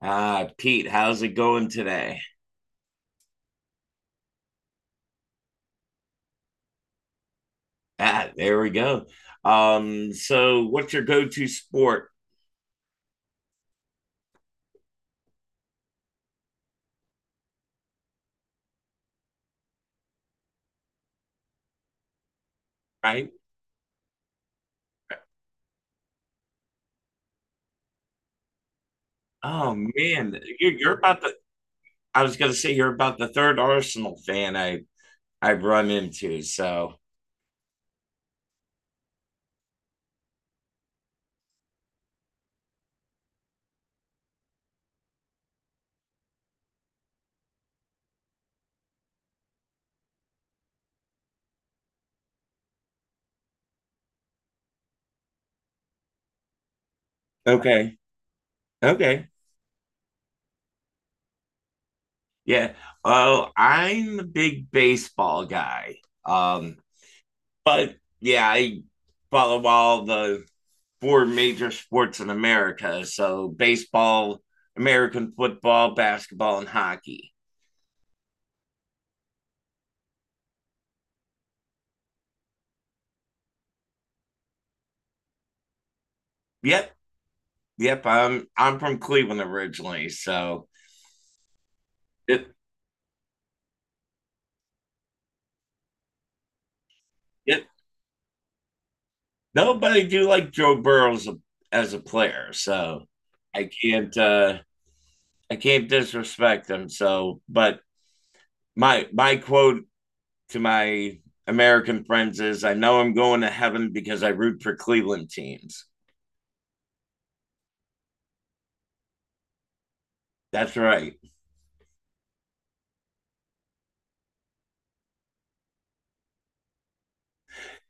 Ah, Pete, how's it going today? Ah, there we go. So what's your go-to sport, right? Oh man, you're about the. I was gonna say you're about the third Arsenal fan I've run into. So okay, okay, yeah. Well, I'm a big baseball guy. Um, but yeah, I follow all the four major sports in America. So baseball, American football, basketball, and hockey. Yep, yep. I'm from Cleveland originally, so it it nobody do like Joe Burrow as as a player, so I can't uh I can't disrespect him. So, but my quote to my American friends is, "I know I'm going to heaven because I root for Cleveland teams." That's right.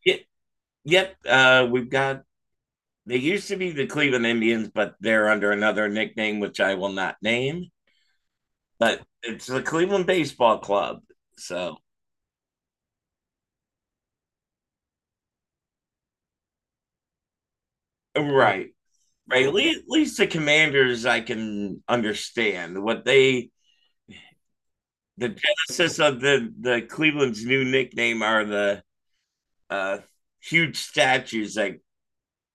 Yep, yep. We've got. They used to be the Cleveland Indians, but they're under another nickname, which I will not name. But it's the Cleveland Baseball Club. So, right. Right, at least, the Commanders, I can understand what they, the genesis of the Cleveland's new nickname are the uh, huge statues that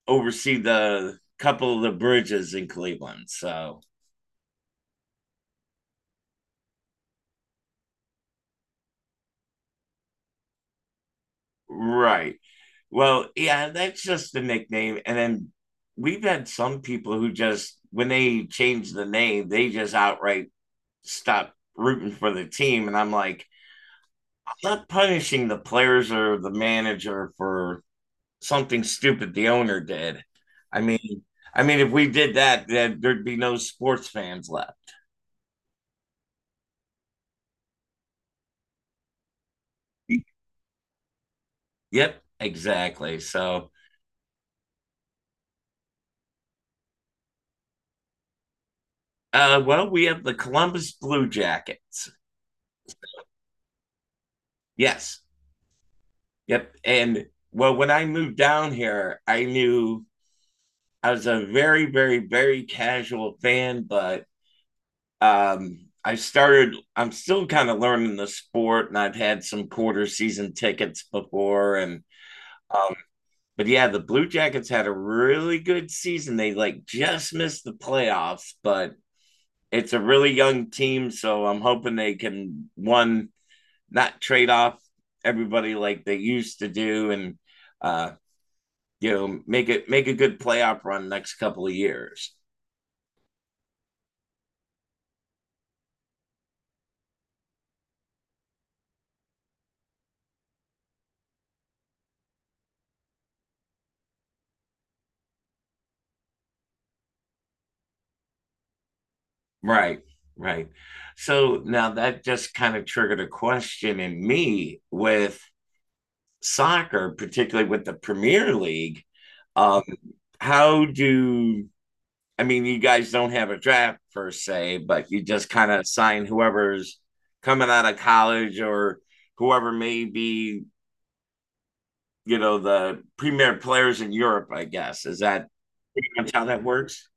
oversee the couple of the bridges in Cleveland. So, right. Well, yeah, that's just the nickname. And then we've had some people who just, when they change the name, they just outright stop rooting for the team. And I'm like, I'm not punishing the players or the manager for something stupid the owner did. I mean, I mean, if we did that, then there'd be no sports fans left. Yep, exactly. So, well, we have the Columbus Blue Jackets. Yes. Yep. And well, when I moved down here, I knew I was a very, very, very casual fan, but I started, I'm still kind of learning the sport, and I've had some quarter season tickets before. And, um, but yeah, the Blue Jackets had a really good season. They like just missed the playoffs, but it's a really young team. So I'm hoping they can, one, not trade off everybody like they used to do and, uh, you know, make it make a good playoff run next couple of years. Right, right. So now that just kind of triggered a question in me with soccer, particularly with the Premier League. Um, how do I mean, you guys don't have a draft per se, but you just kind of assign whoever's coming out of college or whoever may be, you know, the premier players in Europe, I guess. Is that pretty much how that works?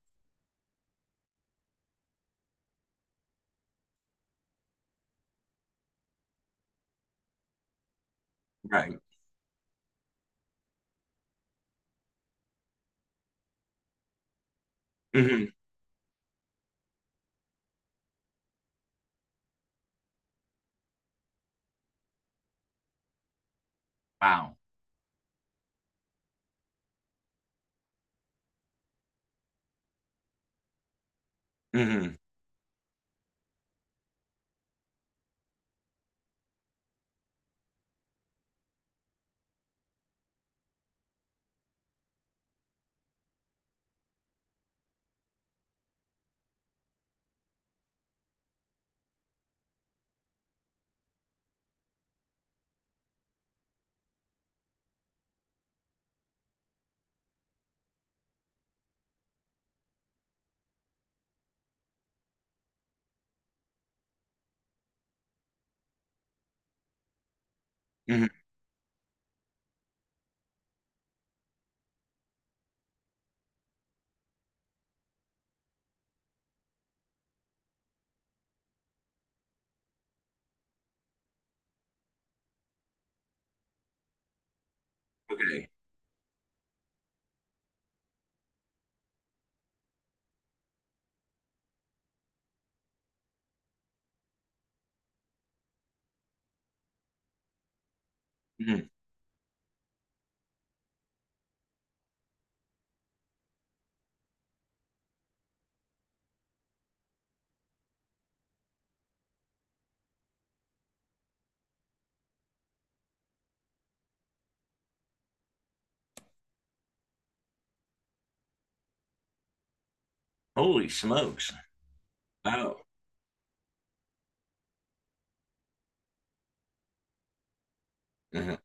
Right. Hmm. Wow. Hmm. Hmm. Okay. Mhm. Holy smokes. Oh, uh-huh.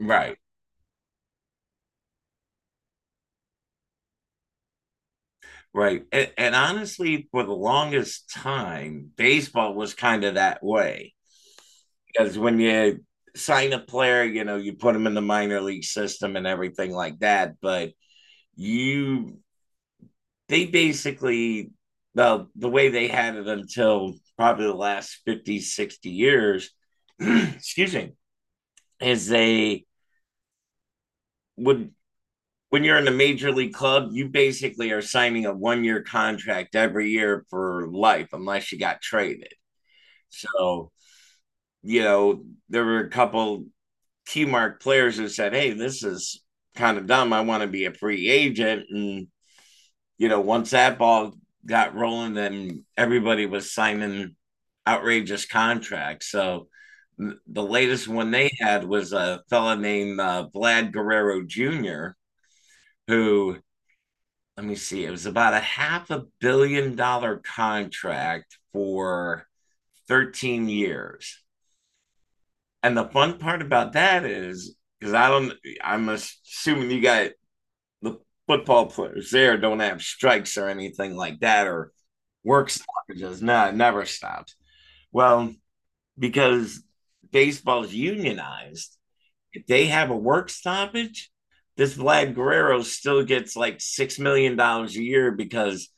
Right, right. And honestly, for the longest time, baseball was kind of that way because when you sign a player, you know, you put them in the minor league system and everything like that. But you, they basically, well, the way they had it until probably the last 50, 60 years, excuse me, is they would when you're in a major league club, you basically are signing a 1 year contract every year for life, unless you got traded. So, you know, there were a couple key mark players who said, "Hey, this is kind of dumb. I want to be a free agent." And, you know, once that ball got rolling, then everybody was signing outrageous contracts. So, the latest one they had was a fella named Vlad Guerrero Jr., who let me see, it was about a half a billion dollar contract for 13 years. And the fun part about that is because I don't, I'm assuming you got the football players there don't have strikes or anything like that or work stoppages. No, it never stops. Well, because baseball's unionized, if they have a work stoppage, this Vlad Guerrero still gets like $6 million a year because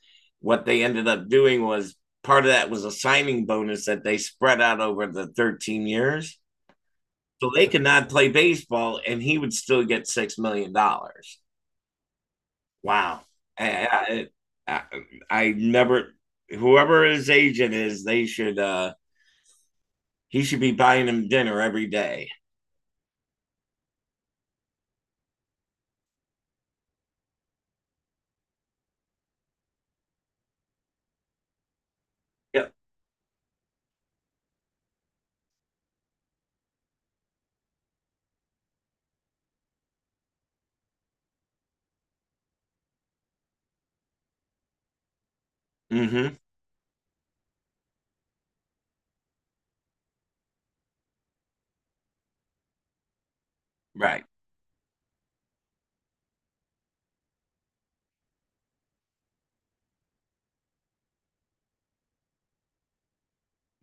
what they ended up doing was part of that was a signing bonus that they spread out over the 13 years. So they could not play baseball and he would still get $6 million. Wow. I, I never whoever his agent is, they should he should be buying him dinner every day. Yep. Mm-hmm. Right.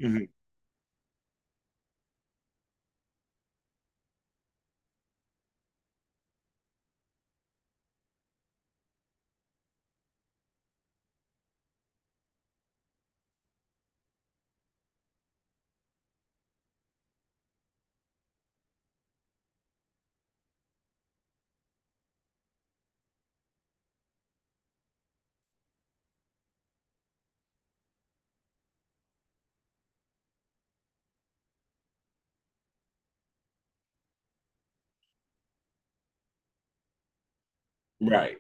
Mm-hmm. Right.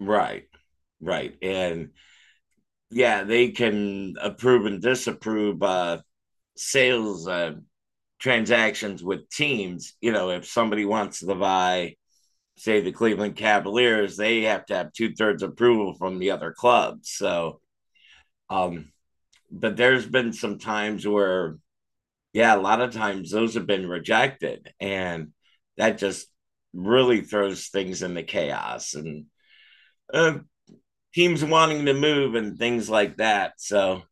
Right. Right. And yeah, they can approve and disapprove sales transactions with teams. You know, if somebody wants to buy, say, the Cleveland Cavaliers, they have to have two thirds approval from the other clubs. So, um, but there's been some times where, yeah, a lot of times those have been rejected. And that just really throws things into chaos and uh, teams wanting to move and things like that. So,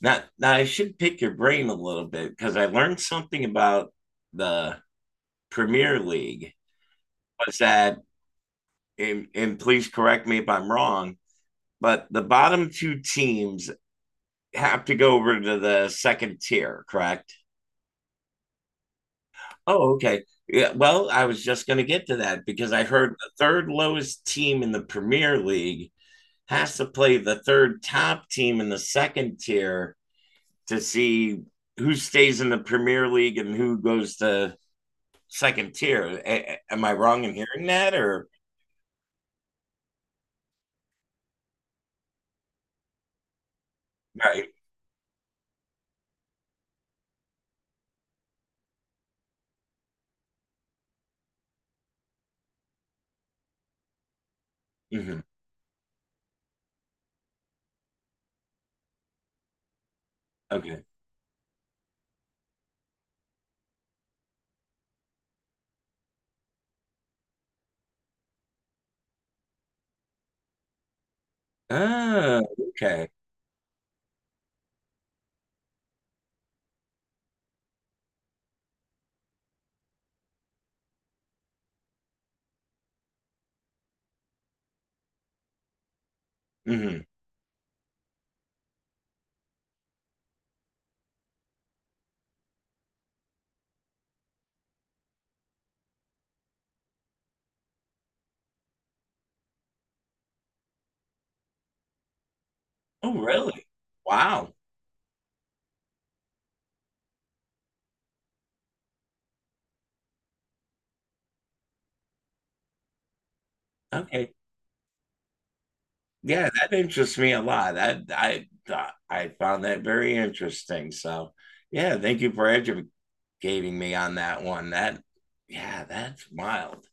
now, now I should pick your brain a little bit because I learned something about the Premier League. Was that, and please correct me if I'm wrong, but the bottom two teams have to go over to the second tier, correct? Oh, okay. Yeah, well, I was just going to get to that because I heard the third lowest team in the Premier League has to play the third top team in the second tier to see who stays in the Premier League and who goes to second tier. A- am I wrong in hearing that or right? Hmm. Okay. Oh, okay. Hmm. Oh, really? Wow. Okay. Yeah, that interests me a lot. I found that very interesting. So, yeah, thank you for educating me on that one. That yeah, that's wild.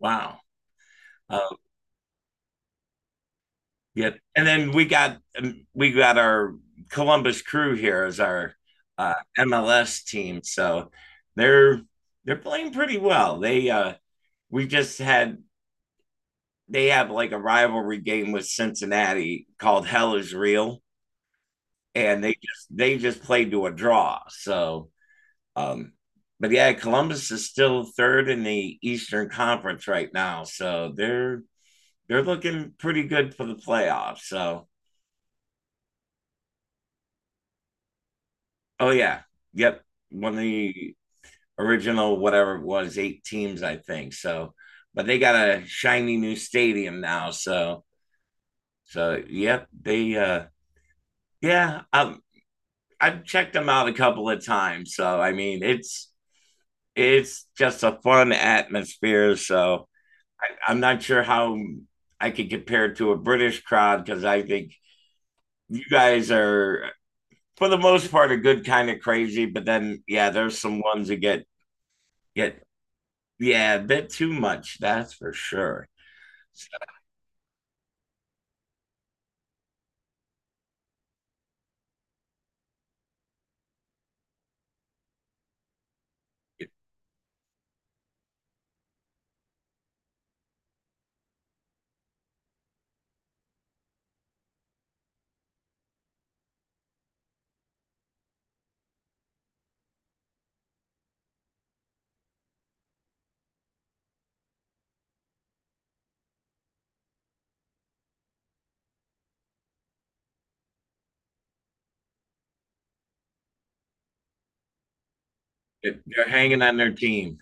Wow. Uh, yep. And then we got our Columbus Crew here as our MLS team, so they're they're playing pretty well. They we just had they have like a rivalry game with Cincinnati called Hell is Real, and they just played to a draw. So, um, but yeah, Columbus is still third in the Eastern Conference right now, so they're looking pretty good for the playoffs. So oh yeah, yep. One of the original whatever it was, eight teams, I think. So, but they got a shiny new stadium now. So, so yep, they yeah, I've checked them out a couple of times. So I mean, it's just a fun atmosphere. So I'm not sure how I could compare it to a British crowd because I think you guys are for the most part a good kind of crazy, but then yeah, there's some ones that get Yeah, a bit too much, that's for sure. So it- they're hanging on their team.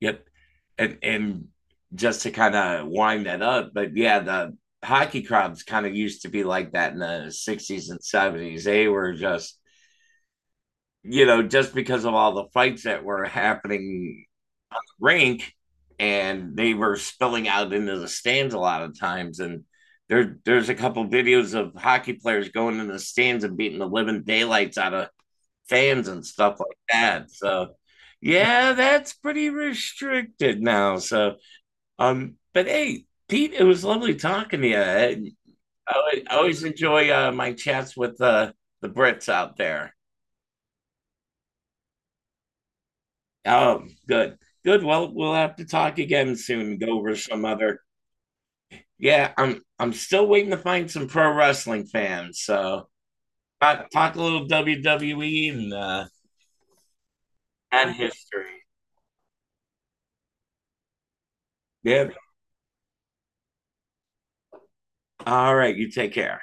Yep. And just to kind of wind that up, but yeah, the hockey crowds kind of used to be like that in the 60s and 70s. They were just, you know, just because of all the fights that were happening rink and they were spilling out into the stands a lot of times and there's a couple videos of hockey players going in the stands and beating the living daylights out of fans and stuff like that. So yeah, that's pretty restricted now. So but hey, Pete, it was lovely talking to you. I always enjoy my chats with the Brits out there. Oh, good, good. Well, we'll have to talk again soon. Go over some other. Yeah, I'm still waiting to find some pro wrestling fans. So talk a little WWE and history. Yeah. All right. You take care.